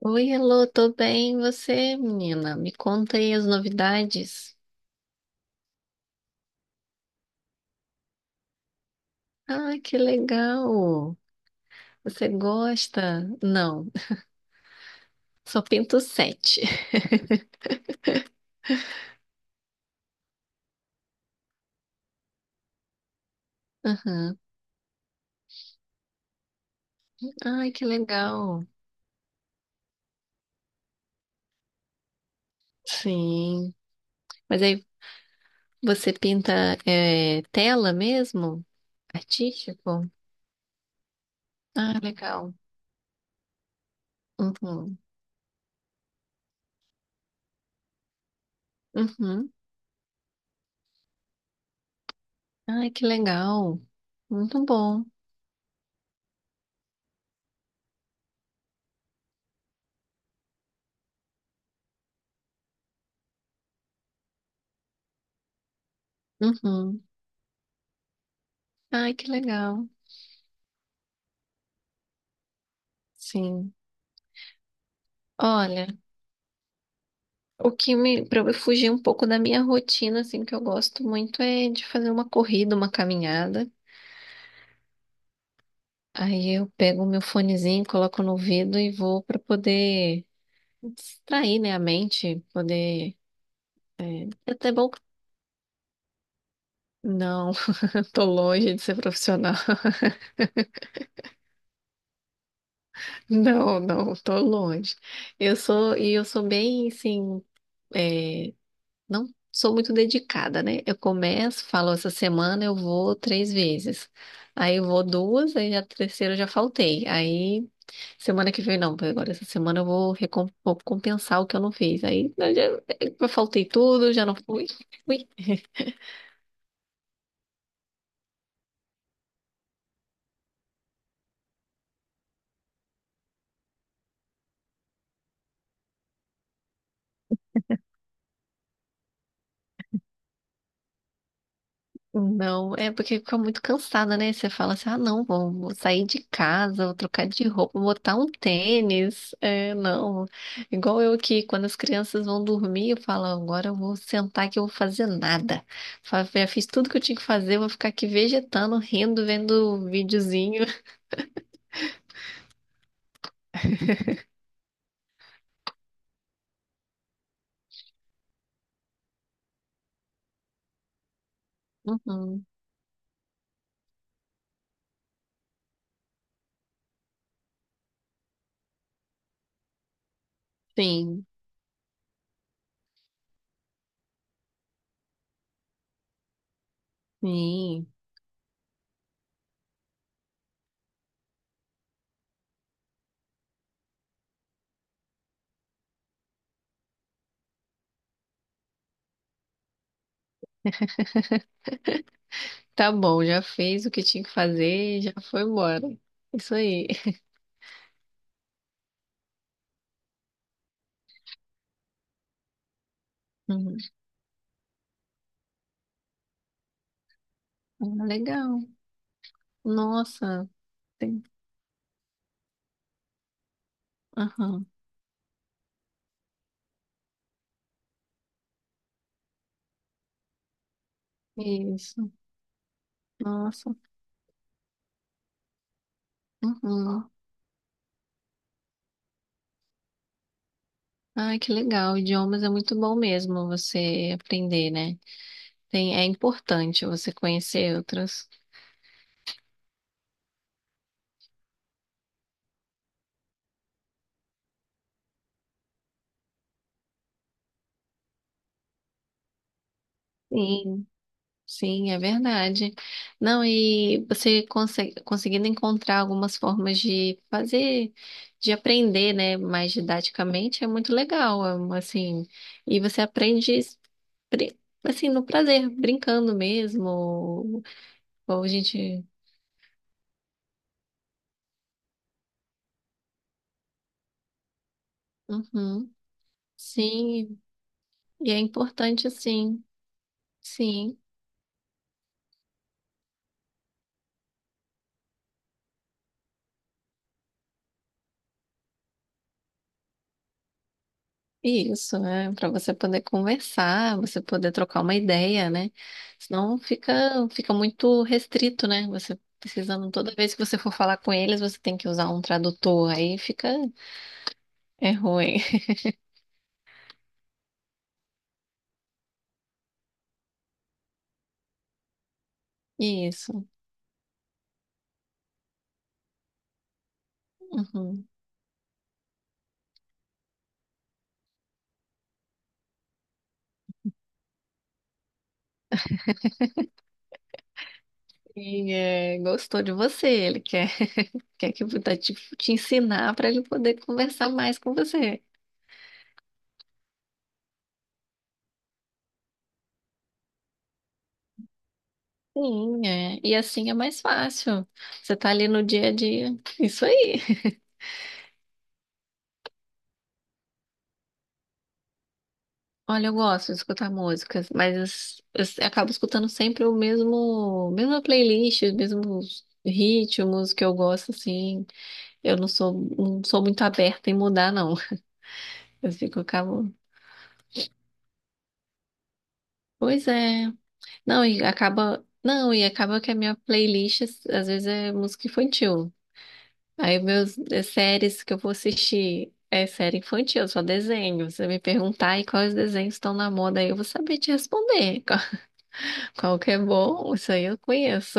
Oi, Elô, tô bem. E você, menina? Me conta aí as novidades. Ah, que legal! Você gosta? Não, só pinto sete. Aham. Ai, que legal! Sim. Mas aí você pinta tela mesmo? Artístico? Ah, legal. Uhum. Uhum. Ai, que legal! Muito bom. Uhum. Ai, que legal! Sim. Olha. Para eu fugir um pouco da minha rotina, assim, que eu gosto muito é de fazer uma corrida, uma caminhada. Aí eu pego o meu fonezinho, coloco no ouvido e vou para poder distrair, né, a mente, poder. É até bom. Não, eu tô longe de ser profissional. Não, não, tô longe. Eu sou bem, assim, é, não sou muito dedicada, né? Eu começo, falo, essa semana eu vou três vezes. Aí eu vou duas, aí a terceira eu já faltei. Aí semana que vem não, porque agora essa semana eu vou, vou compensar o que eu não fiz. Aí eu faltei tudo, já não fui. Não, é porque fica muito cansada, né? Você fala assim, ah, não, vou sair de casa, vou trocar de roupa, vou botar um tênis. É, não. Igual eu que, quando as crianças vão dormir, eu falo, agora eu vou sentar que eu vou fazer nada. Já fiz tudo que eu tinha que fazer, eu vou ficar aqui vegetando, rindo, vendo videozinho. Uhum. Sim, sim. Tá bom, já fez o que tinha que fazer, e já foi embora. Isso aí. Uhum. Ah, legal. Nossa. tem- Aham. Isso. Nossa. Uhum. Ai, que legal. Idiomas é muito bom mesmo você aprender, né? Tem, é importante você conhecer outros. Sim, sim, é verdade. Não, e você conseguindo encontrar algumas formas de fazer, de aprender, né, mais didaticamente, é muito legal, é um, assim. E você aprende, pri- assim, no prazer, brincando mesmo. Ou a gente. Uhum. Sim, e é importante, sim, sim, isso, é para você poder conversar, você poder trocar uma ideia, né? Senão fica, fica muito restrito, né? Você precisando, toda vez que você for falar com eles, você tem que usar um tradutor, aí fica, é ruim. Isso. Uhum. E é, gostou de você, ele quer, quer que tá te ensinar para ele poder conversar mais com você. Sim, é. E assim é mais fácil. Você tá ali no dia a dia. Isso aí. Olha, eu gosto de escutar músicas, mas eu acabo escutando sempre o mesma playlist, os mesmos ritmos que eu gosto, assim. Eu não sou muito aberta em mudar, não. Eu fico, acabo. Pois é. Não, e acaba. Não, e acaba que a minha playlist às vezes é música infantil. Aí meus séries que eu vou assistir é série infantil, só desenho. Você me perguntar aí quais desenhos estão na moda, aí eu vou saber te responder. Qual que é bom, isso aí eu conheço.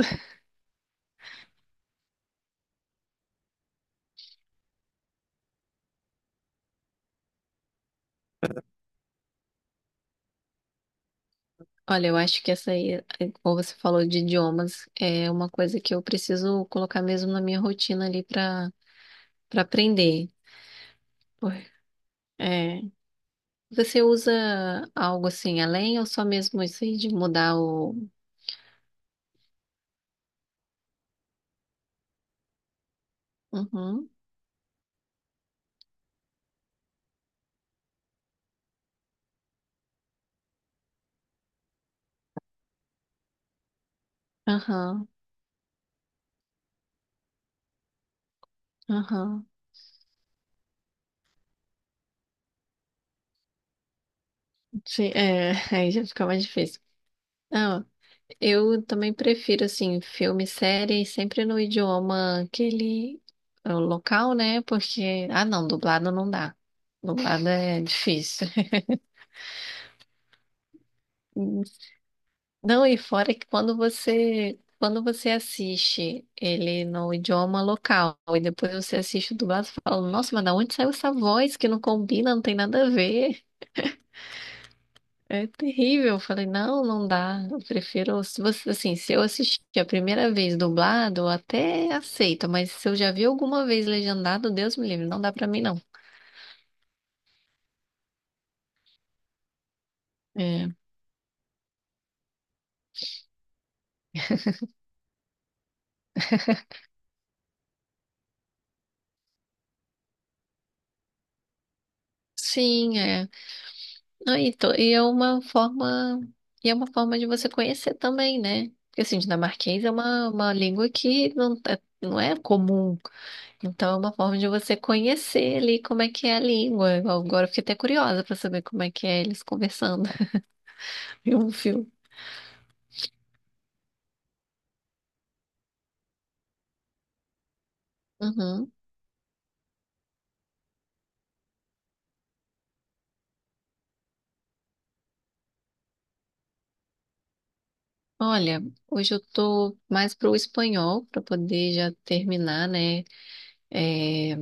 Olha, eu acho que essa aí, como você falou de idiomas, é uma coisa que eu preciso colocar mesmo na minha rotina ali para aprender. Por- É, você usa algo assim além ou só mesmo isso aí de mudar o. Uhum, aham, aham. Sim, é, aí já fica mais difícil. Não, eu também prefiro assim filme, série, sempre no idioma que ele é o local, né? Porque ah, não, dublado não dá. Dublado é difícil. Não, e fora que quando você assiste ele no idioma local e depois você assiste o dublado, você fala, nossa, mas da onde saiu essa voz que não combina, não tem nada a ver? É terrível. Eu falei, não, não dá. Eu prefiro, se você, assim, se eu assistir a primeira vez dublado, eu até aceito, mas se eu já vi alguma vez legendado, Deus me livre, não dá pra mim não. É. Sim, é. Não, e é uma forma de você conhecer também, né? Porque assim, dinamarquês é uma língua que não, não é comum. Então é uma forma de você conhecer ali como é que é a língua. Agora eu fiquei até curiosa para saber como é que é eles conversando em um filme. Uhum. Olha, hoje eu tô mais pro espanhol para poder já terminar, né? É,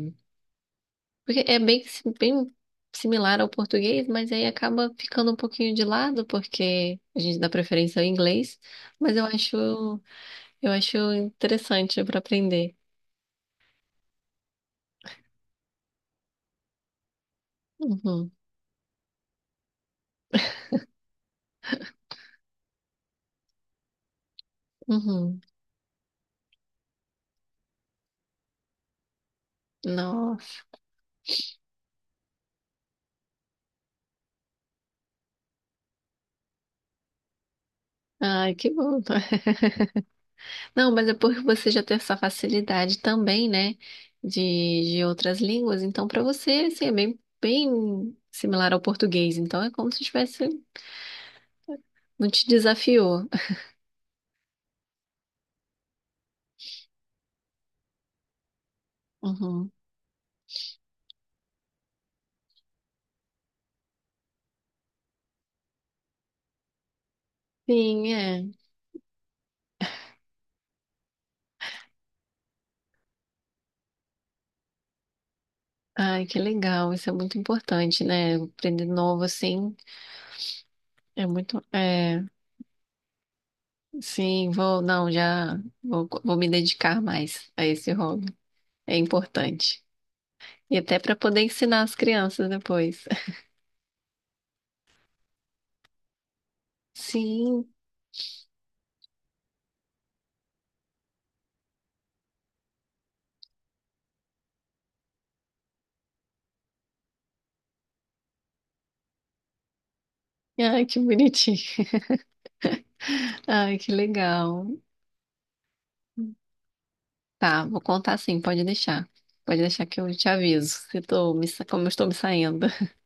porque é bem similar ao português, mas aí acaba ficando um pouquinho de lado, porque a gente dá preferência ao inglês, mas eu acho interessante para aprender. Uhum, uhum. Nossa, ai, que bom. Não, mas é por você já ter essa facilidade também, né, de outras línguas, então para você, assim, é bem, bem similar ao português, então é como se tivesse, não te desafiou. Uhum. Sim, é. Ai, que legal, isso é muito importante, né? Aprender novo assim é muito. É, sim, vou, não, já vou me dedicar mais a esse hobby. É importante. E até para poder ensinar as crianças depois. Sim, ai, que bonitinho. Ai, que legal. Tá, vou contar sim, pode deixar. Pode deixar que eu te aviso se tô como eu estou me saindo.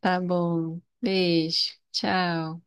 Tá bom, beijo, tchau.